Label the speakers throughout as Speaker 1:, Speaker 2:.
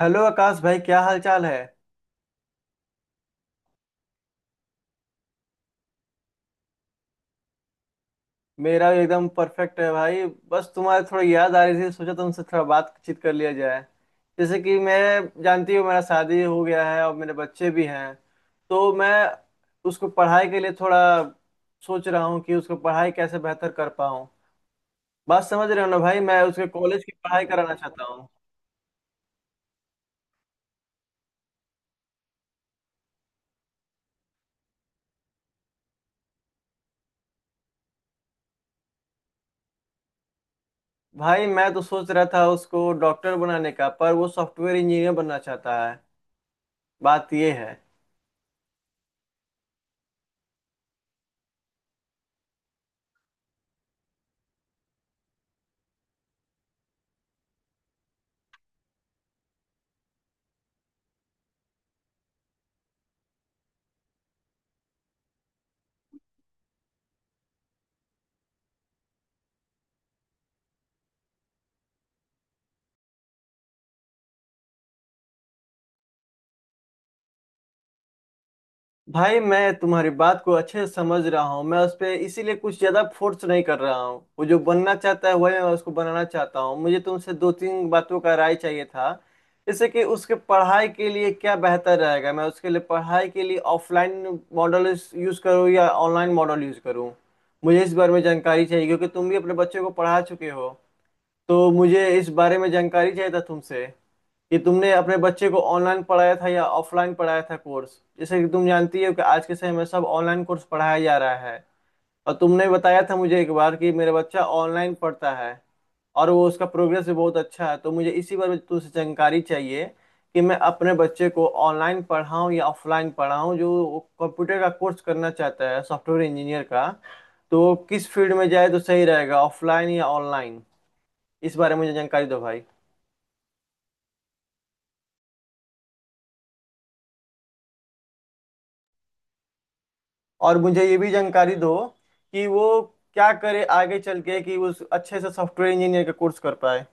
Speaker 1: Hello Akash भाई, क्या हाल चाल है। मेरा भी एकदम परफेक्ट है भाई। बस तुम्हारे थोड़ी याद आ रही थी, सोचा तुमसे थोड़ा बातचीत कर लिया जाए। जैसे कि मैं जानती हूँ मेरा शादी हो गया है और मेरे बच्चे भी हैं। तो मैं उसको पढ़ाई के लिए थोड़ा सोच रहा हूँ कि उसको पढ़ाई कैसे बेहतर कर पाऊँ। बात समझ रहे हो ना भाई, मैं उसके कॉलेज की पढ़ाई कराना चाहता हूँ। भाई मैं तो सोच रहा था उसको डॉक्टर बनाने का, पर वो सॉफ्टवेयर इंजीनियर बनना चाहता है। बात ये है। भाई मैं तुम्हारी बात को अच्छे से समझ रहा हूँ, मैं उस पर इसीलिए कुछ ज्यादा फोर्स नहीं कर रहा हूँ। वो जो बनना चाहता है वही मैं उसको बनाना चाहता हूँ। मुझे तुमसे दो तीन बातों का राय चाहिए था। जैसे कि उसके पढ़ाई के लिए क्या बेहतर रहेगा, मैं उसके लिए पढ़ाई के लिए ऑफलाइन मॉडल यूज करूँ या ऑनलाइन मॉडल यूज करूँ। मुझे इस बारे में जानकारी चाहिए क्योंकि तुम भी अपने बच्चे को पढ़ा चुके हो। तो मुझे इस बारे में जानकारी चाहिए था तुमसे, कि तुमने अपने बच्चे को ऑनलाइन पढ़ाया था या ऑफलाइन पढ़ाया था कोर्स। जैसे कि तुम जानती हो कि आज के समय में सब ऑनलाइन कोर्स पढ़ाया जा रहा है। और तुमने बताया था मुझे एक बार कि मेरा बच्चा ऑनलाइन पढ़ता है और वो उसका प्रोग्रेस भी बहुत अच्छा है। तो मुझे इसी बारे में तुमसे जानकारी चाहिए कि मैं अपने बच्चे को ऑनलाइन पढ़ाऊँ या ऑफलाइन पढ़ाऊँ, जो कंप्यूटर का कोर्स करना चाहता है सॉफ्टवेयर इंजीनियर का। तो किस फील्ड में जाए तो सही रहेगा, ऑफलाइन या ऑनलाइन। इस बारे में मुझे जानकारी दो भाई। और मुझे ये भी जानकारी दो कि वो क्या करे आगे चल के कि उस अच्छे से सॉफ्टवेयर इंजीनियर का कोर्स कर पाए।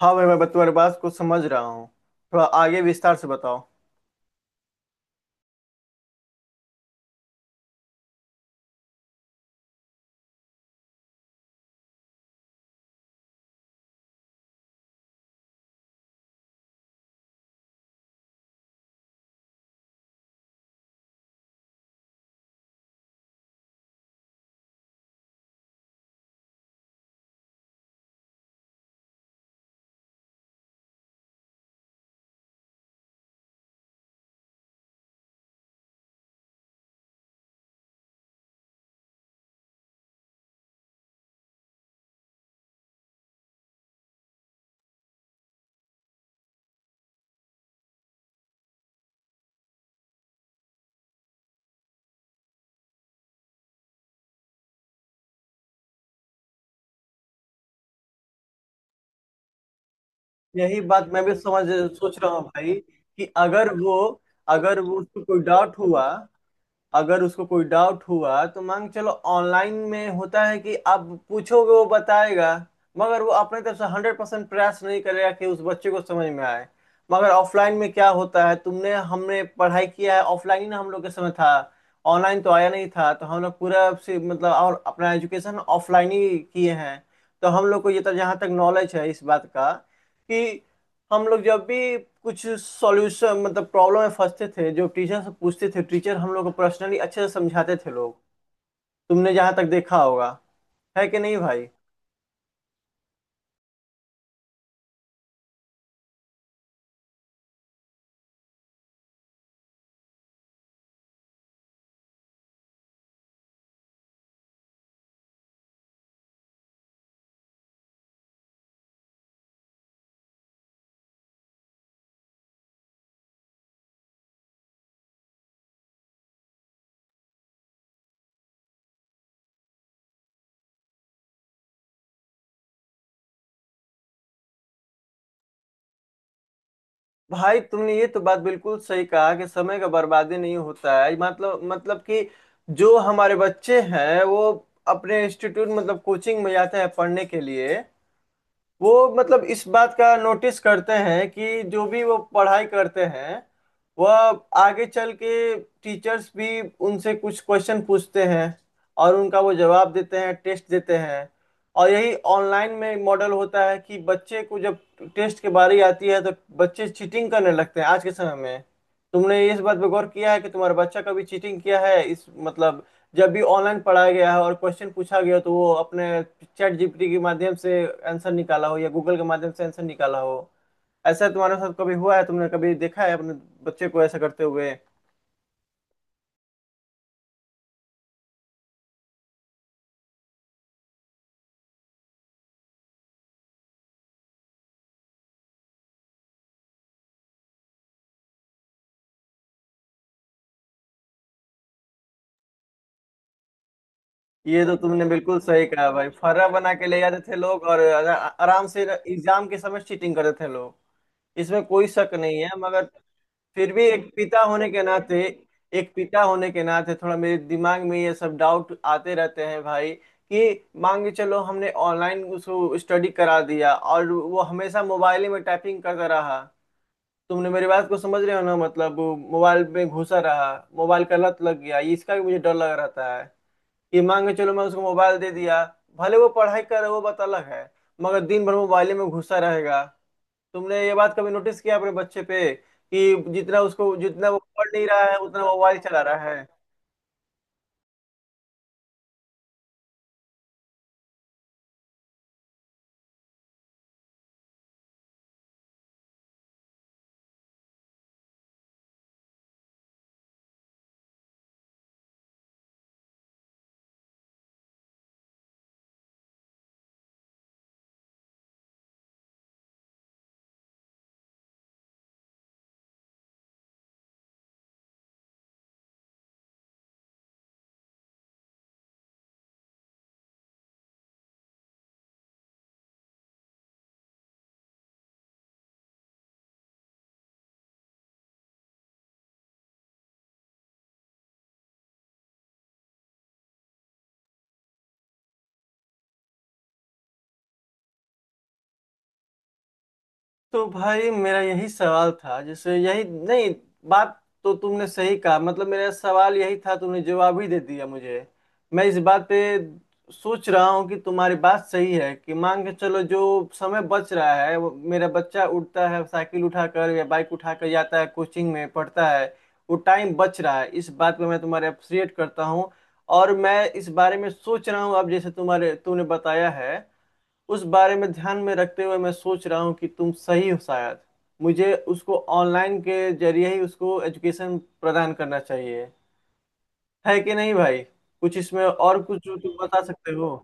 Speaker 1: हाँ भाई, मैं तुम्हारी बात को समझ रहा हूँ। थोड़ा आगे विस्तार से बताओ। यही बात मैं भी समझ सोच रहा हूँ भाई। कि अगर वो अगर वो उसको कोई डाउट हुआ, अगर उसको कोई डाउट हुआ तो मान के चलो ऑनलाइन में होता है कि आप पूछोगे वो बताएगा, मगर वो अपने तरफ से 100% प्रयास नहीं करेगा कि उस बच्चे को समझ में आए। मगर ऑफलाइन में क्या होता है, तुमने हमने पढ़ाई किया है ऑफलाइन ही ना, हम लोग के समय था। ऑनलाइन तो आया नहीं था, तो हम लोग पूरा से मतलब और अपना एजुकेशन ऑफलाइन ही किए हैं। तो हम लोग को ये तक जहाँ तक नॉलेज है इस बात का, कि हम लोग जब भी कुछ सॉल्यूशन मतलब प्रॉब्लम में फंसते थे, जो टीचर से पूछते थे, टीचर हम लोग को पर्सनली अच्छे से समझाते थे लोग। तुमने जहाँ तक देखा होगा, है कि नहीं भाई। भाई तुमने ये तो बात बिल्कुल सही कहा कि समय का बर्बादी नहीं होता है। मतलब कि जो हमारे बच्चे हैं वो अपने इंस्टीट्यूट मतलब कोचिंग में जाते हैं पढ़ने के लिए। वो मतलब इस बात का नोटिस करते हैं कि जो भी वो पढ़ाई करते हैं वह आगे चल के, टीचर्स भी उनसे कुछ क्वेश्चन पूछते हैं और उनका वो जवाब देते हैं, टेस्ट देते हैं। और यही ऑनलाइन में मॉडल होता है कि बच्चे को जब टेस्ट के बारी आती है तो बच्चे चीटिंग करने लगते हैं आज के समय में। तुमने इस बात पे गौर किया है कि तुम्हारा बच्चा कभी चीटिंग किया है इस मतलब, जब भी ऑनलाइन पढ़ाया गया है और क्वेश्चन पूछा गया तो वो अपने चैट जीपीटी के माध्यम से आंसर निकाला हो, या गूगल के माध्यम से आंसर निकाला हो। ऐसा तुम्हारे साथ कभी हुआ है, तुमने कभी देखा है अपने बच्चे को ऐसा करते हुए। ये तो तुमने बिल्कुल सही कहा भाई, फर्रा बना के ले जाते थे लोग और आराम से एग्जाम के समय चीटिंग करते थे लोग। इसमें कोई शक नहीं है। मगर फिर भी एक पिता होने के नाते, एक पिता होने के नाते थोड़ा मेरे दिमाग में ये सब डाउट आते रहते हैं भाई। कि मान के चलो हमने ऑनलाइन उसको स्टडी करा दिया और वो हमेशा मोबाइल ही में टाइपिंग करता रहा। तुमने मेरी बात को समझ रहे हो ना, मतलब वो मोबाइल में घुसा रहा, मोबाइल का लत लग गया, ये इसका भी मुझे डर लग रहता है। कि मान के चलो मैं उसको मोबाइल दे दिया, भले वो पढ़ाई कर रहा है वो बात अलग है, मगर दिन भर मोबाइल में घुसा रहेगा। तुमने ये बात कभी नोटिस किया अपने बच्चे पे कि जितना उसको, जितना वो पढ़ नहीं रहा है उतना मोबाइल चला रहा है। तो भाई मेरा यही सवाल था, जैसे यही नहीं बात, तो तुमने सही कहा, मतलब मेरा सवाल यही था, तुमने जवाब ही दे दिया मुझे। मैं इस बात पे सोच रहा हूँ कि तुम्हारी बात सही है। कि मान के चलो जो समय बच रहा है, वो मेरा बच्चा उठता है साइकिल उठाकर या बाइक उठाकर जाता है कोचिंग में पढ़ता है, वो टाइम बच रहा है, इस बात पे मैं तुम्हारे अप्रिशिएट करता हूँ। और मैं इस बारे में सोच रहा हूँ, अब जैसे तुम्हारे तुमने बताया है, उस बारे में ध्यान में रखते हुए मैं सोच रहा हूँ कि तुम सही हो, शायद मुझे उसको ऑनलाइन के जरिए ही उसको एजुकेशन प्रदान करना चाहिए। है कि नहीं भाई। कुछ इसमें और कुछ जो तुम बता सकते हो।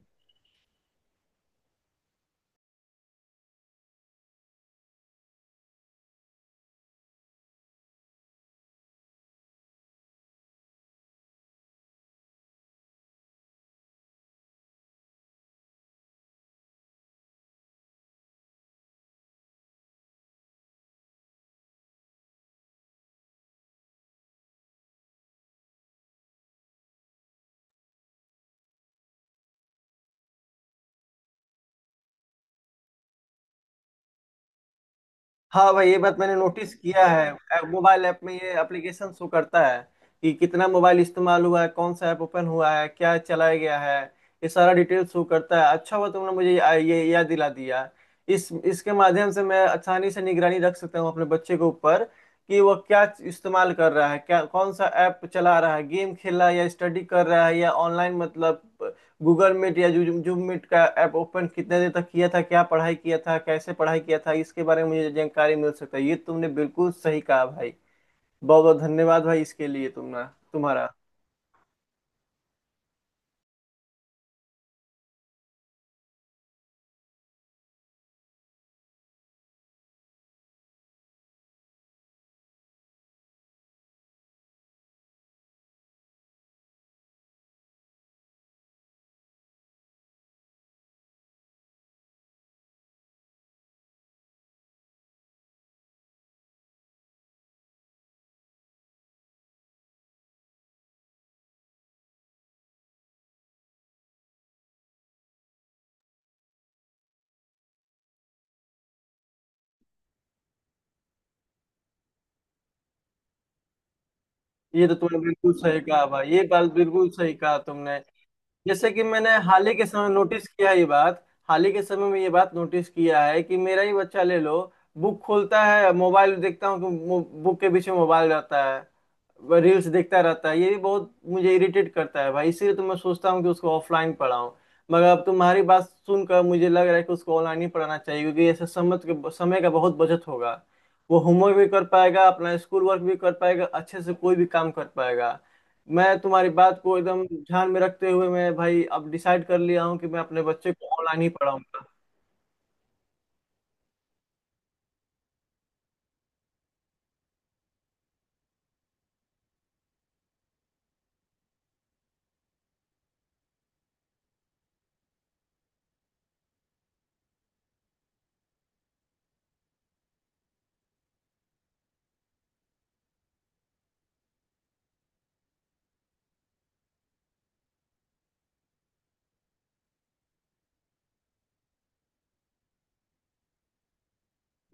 Speaker 1: हाँ भाई, ये बात मैंने नोटिस किया है। मोबाइल ऐप में ये एप्लीकेशन शो करता है कि कितना मोबाइल इस्तेमाल हुआ है, कौन सा ऐप ओपन हुआ है, क्या चलाया गया है, ये सारा डिटेल शो करता है। अच्छा हुआ तुमने मुझे ये याद दिला दिया। इस इसके माध्यम से मैं आसानी से निगरानी रख सकता हूँ अपने बच्चे के ऊपर कि वह क्या इस्तेमाल कर रहा है, क्या कौन सा ऐप चला रहा है, गेम खेल रहा है या स्टडी कर रहा है, या ऑनलाइन मतलब गूगल मीट या जूम मीट का ऐप ओपन कितने देर तक किया था, क्या पढ़ाई किया था, कैसे पढ़ाई किया था, इसके बारे में मुझे जानकारी मिल सकता है। ये तुमने बिल्कुल सही कहा भाई। बहुत बहुत धन्यवाद भाई इसके लिए तुमने। तुम्हारा। ये तो तुमने बिल्कुल सही कहा भाई, ये बात बिल्कुल सही कहा तुमने। जैसे कि मैंने हाल ही के समय नोटिस किया है, ये बात हाल ही के समय में ये बात नोटिस किया है कि मेरा ही बच्चा ले लो। बुक खोलता है, मोबाइल देखता हूँ कि बुक के बीच में मोबाइल रहता है, रील्स देखता रहता है। ये भी बहुत मुझे इरिटेट करता है भाई, इसीलिए तो मैं सोचता हूँ कि उसको ऑफलाइन पढ़ाऊँ। मगर अब तुम्हारी बात सुनकर मुझे लग रहा है कि उसको ऑनलाइन ही पढ़ाना चाहिए, क्योंकि ऐसे समय के समय का बहुत बचत होगा। वो होमवर्क भी कर पाएगा, अपना स्कूल वर्क भी कर पाएगा, अच्छे से कोई भी काम कर पाएगा। मैं तुम्हारी बात को एकदम ध्यान में रखते हुए मैं भाई अब डिसाइड कर लिया हूँ कि मैं अपने बच्चे को ऑनलाइन ही पढ़ाऊंगा।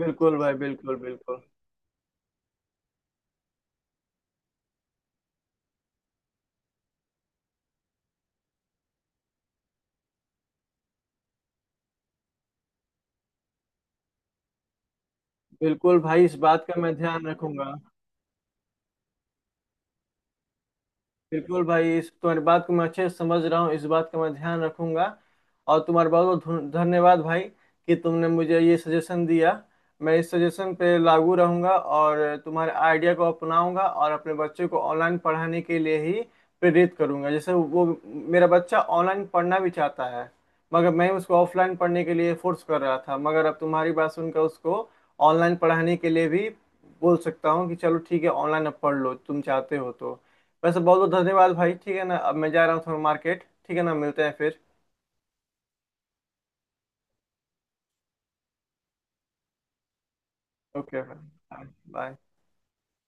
Speaker 1: बिल्कुल भाई, बिल्कुल, बिल्कुल। बिल्कुल भाई, इस बात का मैं ध्यान रखूंगा। बिल्कुल भाई, इस तुम्हारी बात को मैं अच्छे से समझ रहा हूँ, इस बात का मैं ध्यान रखूंगा। और तुम्हारा बहुत बहुत धन्यवाद भाई, कि तुमने मुझे ये सजेशन दिया। मैं इस सजेशन पे लागू रहूंगा और तुम्हारे आइडिया को अपनाऊंगा और अपने बच्चे को ऑनलाइन पढ़ाने के लिए ही प्रेरित करूंगा। जैसे वो मेरा बच्चा ऑनलाइन पढ़ना भी चाहता है, मगर मैं उसको ऑफलाइन पढ़ने के लिए फोर्स कर रहा था। मगर अब तुम्हारी बात सुनकर उसको ऑनलाइन पढ़ाने के लिए भी बोल सकता हूँ कि चलो ठीक है, ऑनलाइन अब पढ़ लो तुम चाहते हो तो। वैसे बहुत बहुत धन्यवाद भाई, ठीक है ना, अब मैं जा रहा हूँ थोड़ा मार्केट, ठीक है ना, मिलते हैं फिर। ओके भाई, बाय।